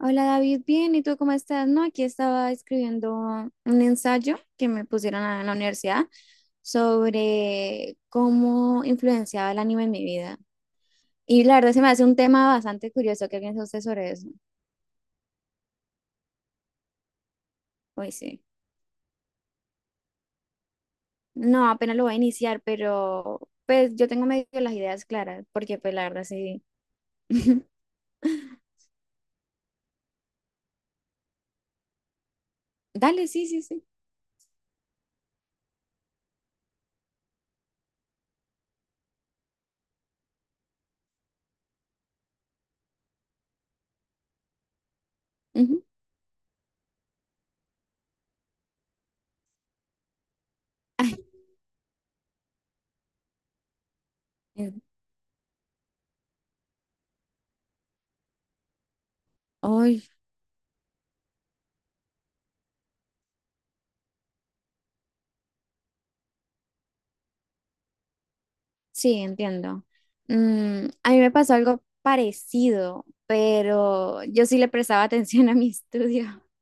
Hola David, bien, ¿y tú cómo estás? No, aquí estaba escribiendo un ensayo que me pusieron en la universidad sobre cómo influenciaba el anime en mi vida. Y la verdad se me hace un tema bastante curioso. ¿Qué piensa usted sobre eso? Uy, sí. No, apenas lo voy a iniciar, pero pues yo tengo medio las ideas claras, porque pues la verdad sí. Dale, sí, sí, sí. Ujú. Ay. Sí, entiendo. Mm, a mí me pasó algo parecido, pero yo sí le prestaba atención a mi estudio.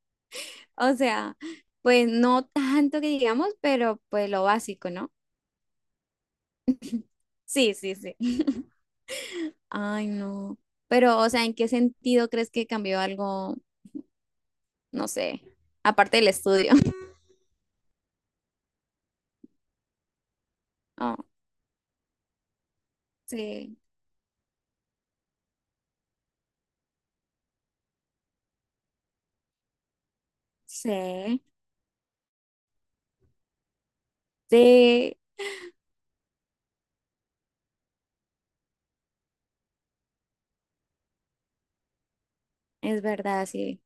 O sea, pues no tanto que digamos, pero pues lo básico, ¿no? Sí, sí, sí. Ay, no. Pero, o sea, ¿en qué sentido crees que cambió algo, no sé, aparte del estudio? Oh, sí, sí, sí, es verdad, sí.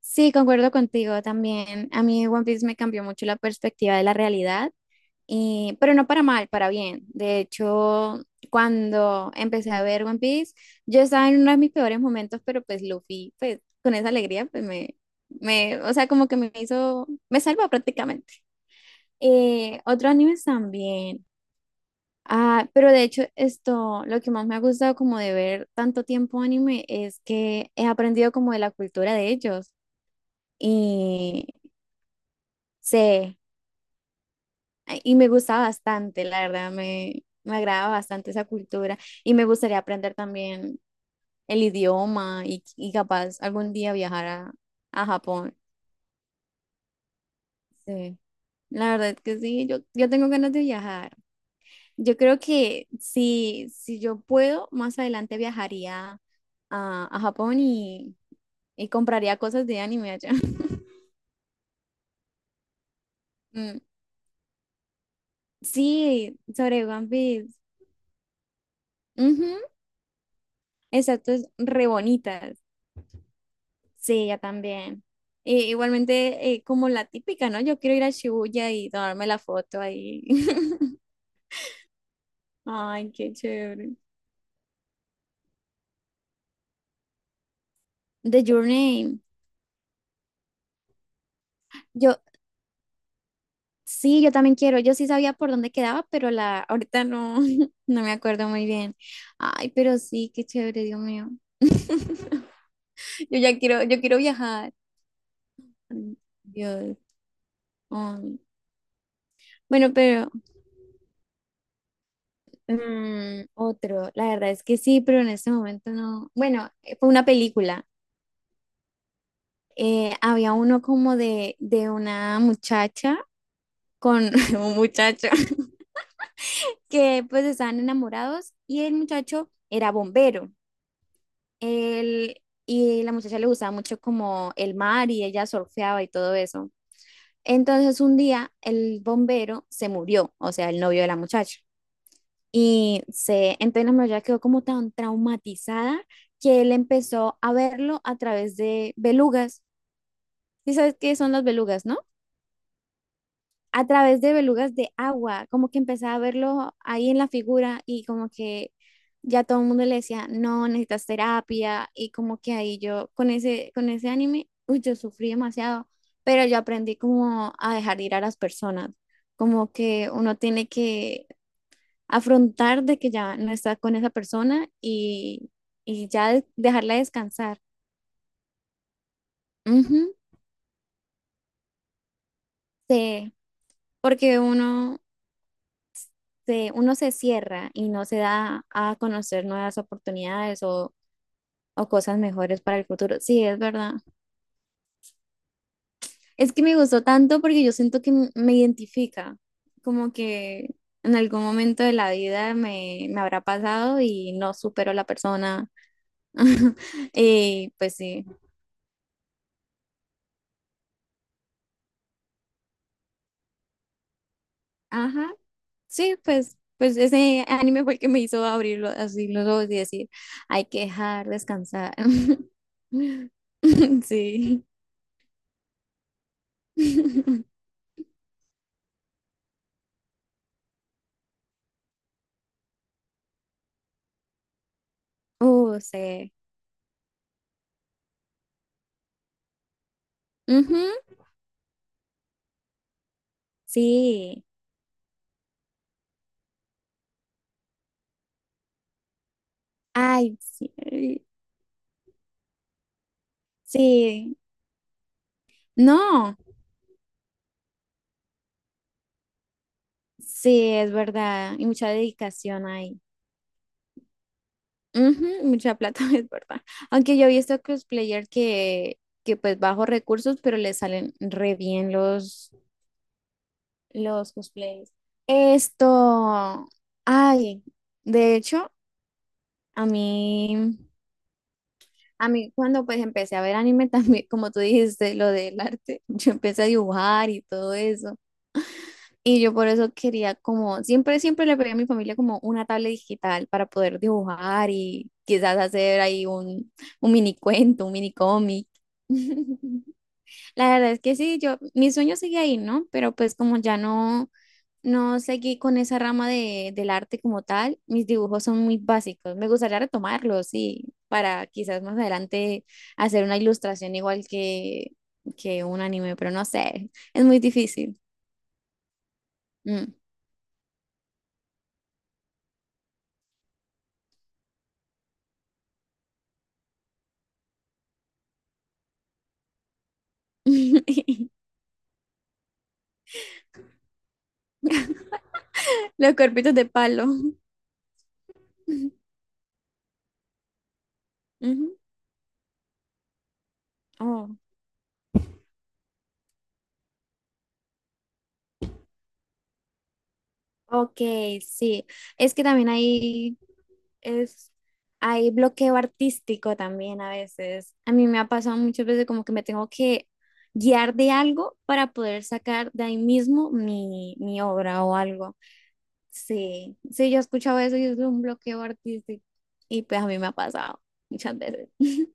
Sí, concuerdo contigo también. A mí One Piece me cambió mucho la perspectiva de la realidad. Pero no para mal, para bien. De hecho, cuando empecé a ver One Piece, yo estaba en uno de mis peores momentos, pero pues Luffy, pues con esa alegría, o sea, como que me hizo, me salvó prácticamente. Otros animes también. Ah, pero de hecho, esto, lo que más me ha gustado como de ver tanto tiempo anime es que he aprendido como de la cultura de ellos. Y sé. Ay, y me gusta bastante, la verdad, me agrada bastante esa cultura y me gustaría aprender también el idioma y capaz algún día viajar a Japón. Sí, la verdad que sí, yo tengo ganas de viajar. Yo creo que si yo puedo, más adelante viajaría a Japón y compraría cosas de anime allá. Mm. Sí, sobre One Piece. Ujú, exacto, es re bonitas. Sí, yo también. Y igualmente, como la típica, ¿no? Yo quiero ir a Shibuya y tomarme la foto ahí. Ay, qué chévere. The Journey. Yo, sí, yo también quiero. Yo sí sabía por dónde quedaba, pero la, ahorita no, no me acuerdo muy bien. Ay, pero sí, qué chévere, Dios mío. Yo ya quiero, yo quiero viajar. Ay, Dios. Ay. Bueno, pero otro, la verdad es que sí, pero en este momento no. Bueno, fue una película. Había uno como de una muchacha con un muchacho que pues estaban enamorados y el muchacho era bombero. Él, y la muchacha le gustaba mucho como el mar y ella surfeaba y todo eso. Entonces un día el bombero se murió, o sea, el novio de la muchacha. Y se, entonces la muchacha quedó como tan traumatizada que él empezó a verlo a través de belugas. ¿Y sabes qué son las belugas, no? A través de belugas de agua, como que empezaba a verlo ahí en la figura y como que ya todo el mundo le decía, no, necesitas terapia y como que ahí yo con con ese anime, uy, yo sufrí demasiado, pero yo aprendí como a dejar ir a las personas, como que uno tiene que afrontar de que ya no está con esa persona y ya dejarla descansar. Ujú, sí, porque uno uno se cierra y no se da a conocer nuevas oportunidades o cosas mejores para el futuro. Sí, es verdad. Es que me gustó tanto porque yo siento que me identifica, como que en algún momento de la vida me habrá pasado y no supero a la persona. Y pues sí, ajá, sí, pues. Pues ese anime fue el que me hizo abrirlo así los ojos y decir, hay que dejar descansar. Sí. Sí. Ujú, sí. Ay, sí. Ay. Sí. No. Sí, es verdad. Y mucha dedicación ahí. Ujú, mucha plata, es verdad. Aunque yo he visto cosplayer que pues bajo recursos, pero le salen re bien los cosplays. Esto. Ay, de hecho, a mí. A mí cuando pues empecé a ver anime también, como tú dijiste, lo del arte, yo empecé a dibujar y todo eso. Y yo por eso quería como, siempre, siempre le pedí a mi familia como una tablet digital para poder dibujar y quizás hacer ahí un mini cuento, un mini cómic. La verdad es que sí, yo, mi sueño sigue ahí, ¿no? Pero pues como ya no, no seguí con esa rama del arte como tal, mis dibujos son muy básicos. Me gustaría retomarlos, sí, para quizás más adelante hacer una ilustración igual que un anime, pero no sé, es muy difícil. Mm. Los cuerpitos de palo. Ujú. Oh, ok, sí. Es que también hay, es, hay bloqueo artístico también a veces. A mí me ha pasado muchas veces como que me tengo que guiar de algo para poder sacar de ahí mismo mi, mi obra o algo. Sí, sí, yo he escuchado eso y es un bloqueo artístico. Y pues a mí me ha pasado muchas veces.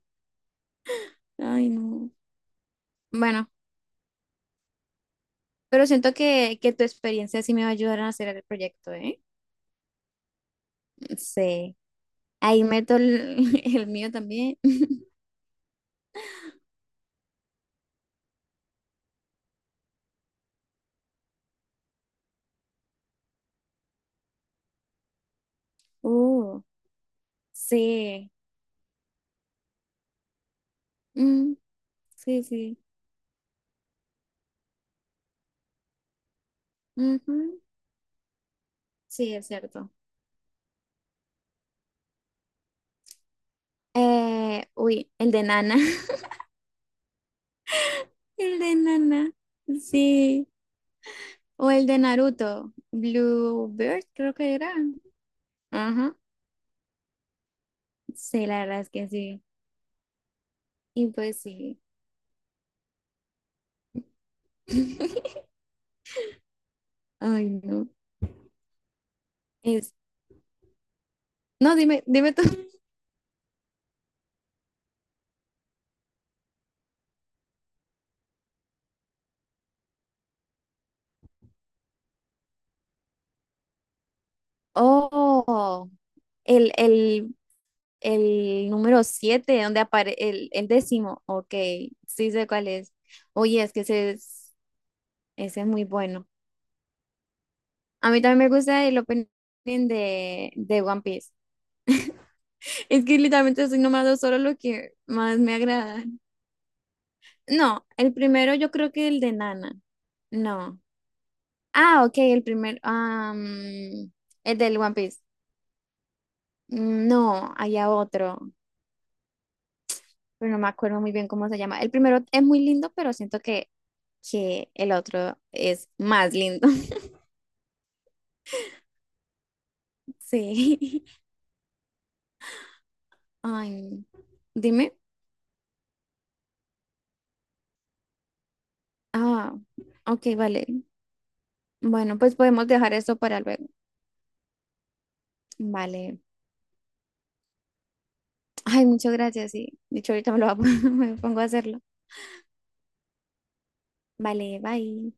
Ay, no. Bueno, pero siento que tu experiencia sí me va a ayudar a hacer el proyecto, ¿eh? Sí. Ahí meto el, el mío también. Uh, sí. Mm, sí, sí. Ujú. Sí, es cierto. Uy, el de Nana. El de Nana. Sí. O el de Naruto. Bluebird, creo que era. Ajá. Sí, la verdad es que sí. Y pues sí. Ay, no. Es... No, dime, dime tú. Oh, el. El número 7 donde aparece el décimo. Ok, sí sé cuál es. Oye, es que ese es muy bueno. A mí también me gusta el opening de One Piece. Es que literalmente estoy nombrando solo lo que más me agrada. No, el primero yo creo que el de Nana. No. Ah, ok, el primer. El del One Piece. No, había otro, pero no me acuerdo muy bien cómo se llama. El primero es muy lindo, pero siento que el otro es más lindo. Sí. Ay, dime. Ah, ok, vale. Bueno, pues podemos dejar esto para luego. Vale. Ay, muchas gracias. Sí. De hecho, ahorita me lo me pongo a hacerlo. Vale, bye.